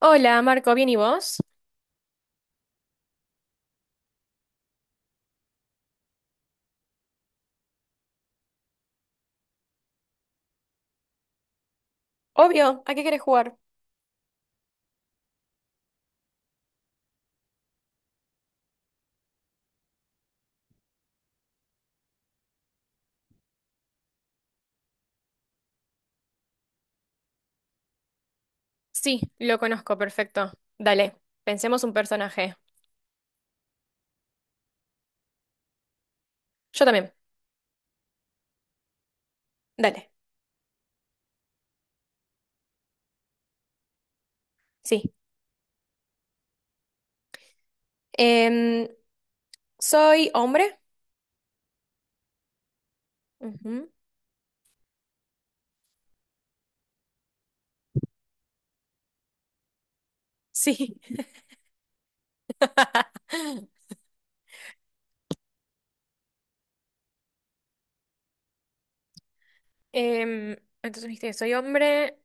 Hola, Marco, ¿bien y vos? Obvio, ¿a qué querés jugar? Sí, lo conozco, perfecto. Dale, pensemos un personaje. Yo también. Dale, sí. Em, ¿Soy hombre? Ujú. Sí. Em, entonces dijiste, soy hombre,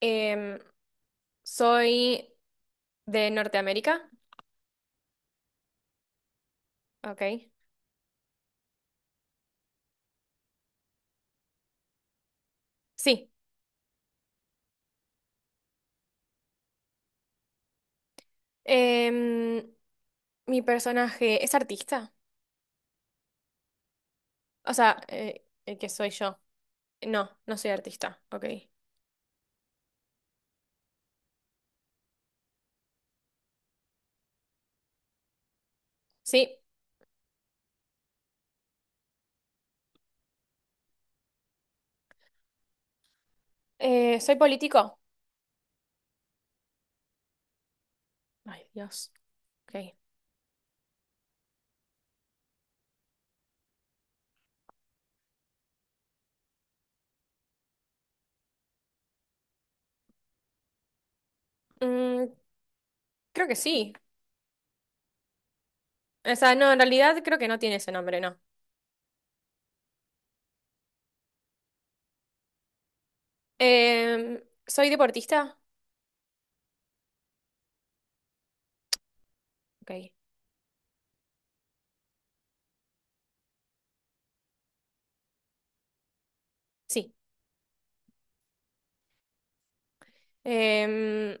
em, soy de Norteamérica. Ok. Sí. Em, mi personaje es artista. O sea, el que soy yo. No, no soy artista. Ok. Sí. ¿Soy político? Ay, Dios. Ok. Mm, creo que sí. O sea, no, en realidad creo que no tiene ese nombre, no. Em, ¿Soy deportista? Ok. Sí. Em,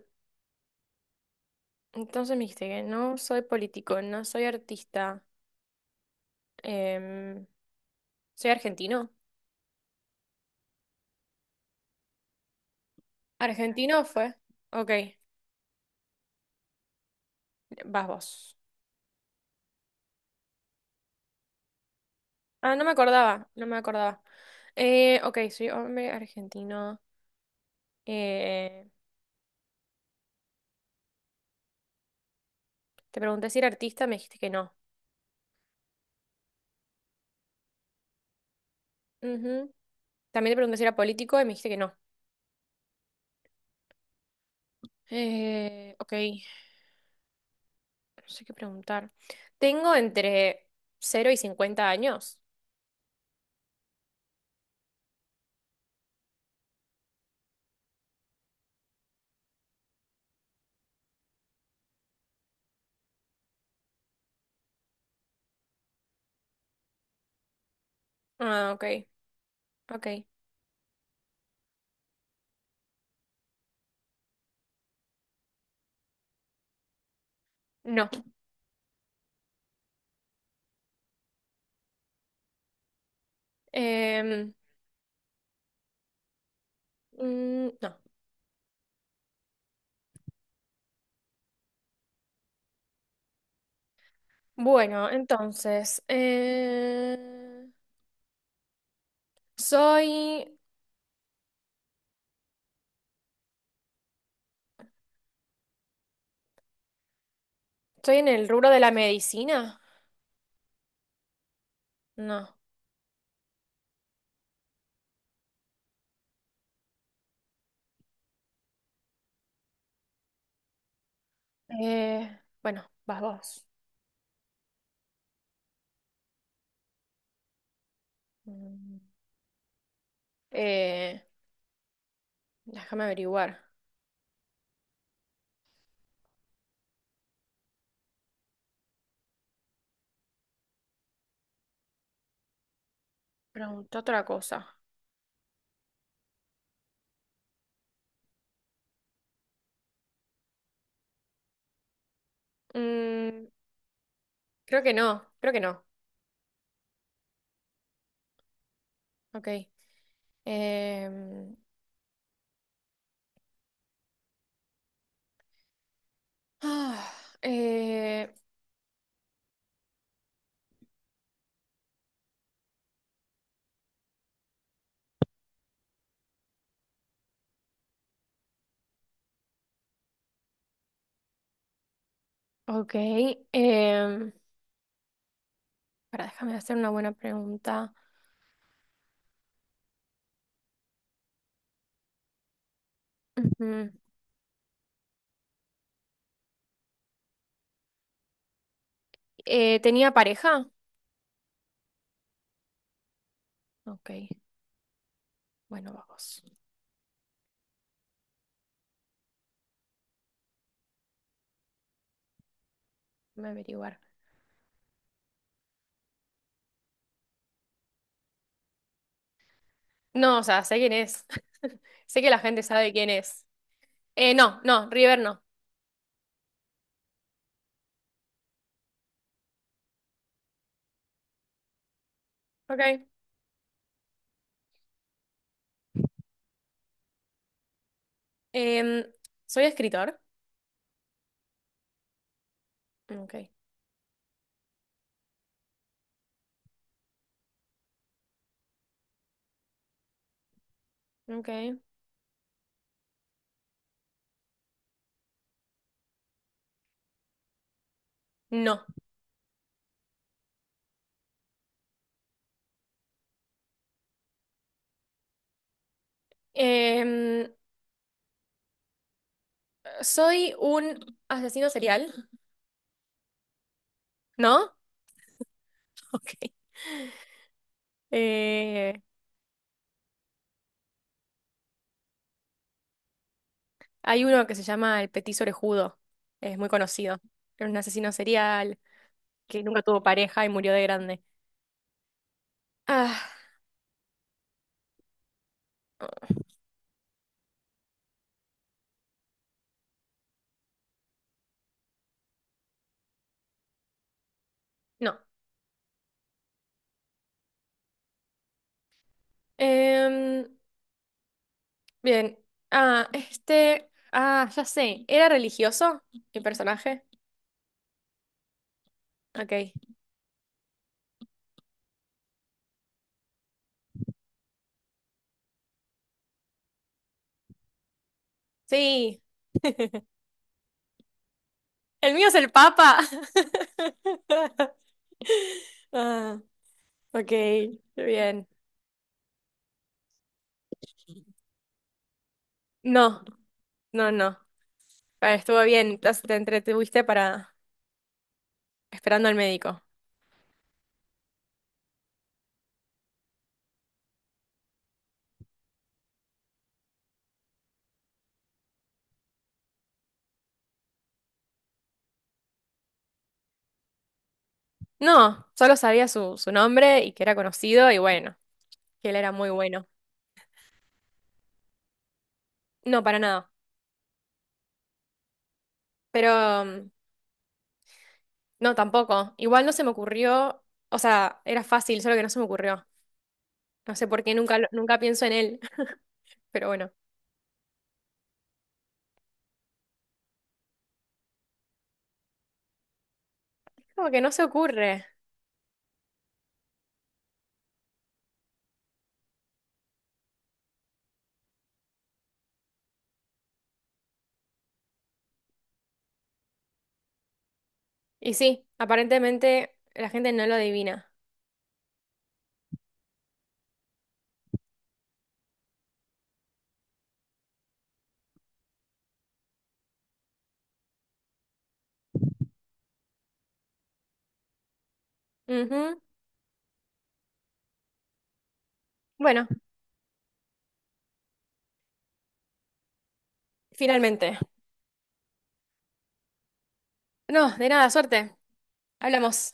entonces me dijiste que no soy político, no soy artista. Em, ¿Soy argentino? ¿Argentino fue? Ok. Vas vos. Ah, no me acordaba, no me acordaba. Ok, soy hombre argentino. Eh, te pregunté si era artista, me dijiste que no. Ujú. También te pregunté si era político y me dijiste que no. Ok, no sé qué preguntar. Tengo entre 0 y 50 años. Ah, ok, ok. No. Em, no. Bueno, entonces, soy, ¿estoy en el rubro de la medicina? No. Bueno, vas vos. Mm, eh, déjame averiguar. Pregunta otra cosa. Mm, creo que no, creo que no. Ok. Em, ah, eh, ok. em, para, déjame hacer una buena pregunta. Ujú. ¿Tenía pareja? Ok. Bueno, vamos. Déjame averiguar. No, o sea, sé quién es. Sé que la gente sabe quién es. No, no, River no. Ok. Em, ¿Soy escritor? Ok. Ok. No. Em, ¿Soy un asesino serial? ¿No? Ok. Eh, hay uno que se llama el Petit Orejudo, es muy conocido. Era un asesino serial que nunca tuvo pareja y murió de grande. Ah, no. Em, bien. Ah, este. Ah, ya sé. ¿Era religioso mi personaje? Ok. Sí. El mío es el Papa. Ah, ok. Bien. No, no, no. Ah, estuvo bien. Te te entretuviste para esperando al médico. No, solo sabía su, su nombre y que era conocido y bueno, que él era muy bueno. No, para nada. Pero no, tampoco. Igual no se me ocurrió, o sea, era fácil, solo que no se me ocurrió. No sé por qué nunca, nunca pienso en él, pero bueno, como que no se ocurre. Y sí, aparentemente la gente no lo adivina. Ujú. Bueno, finalmente. No, de nada, suerte. Hablamos.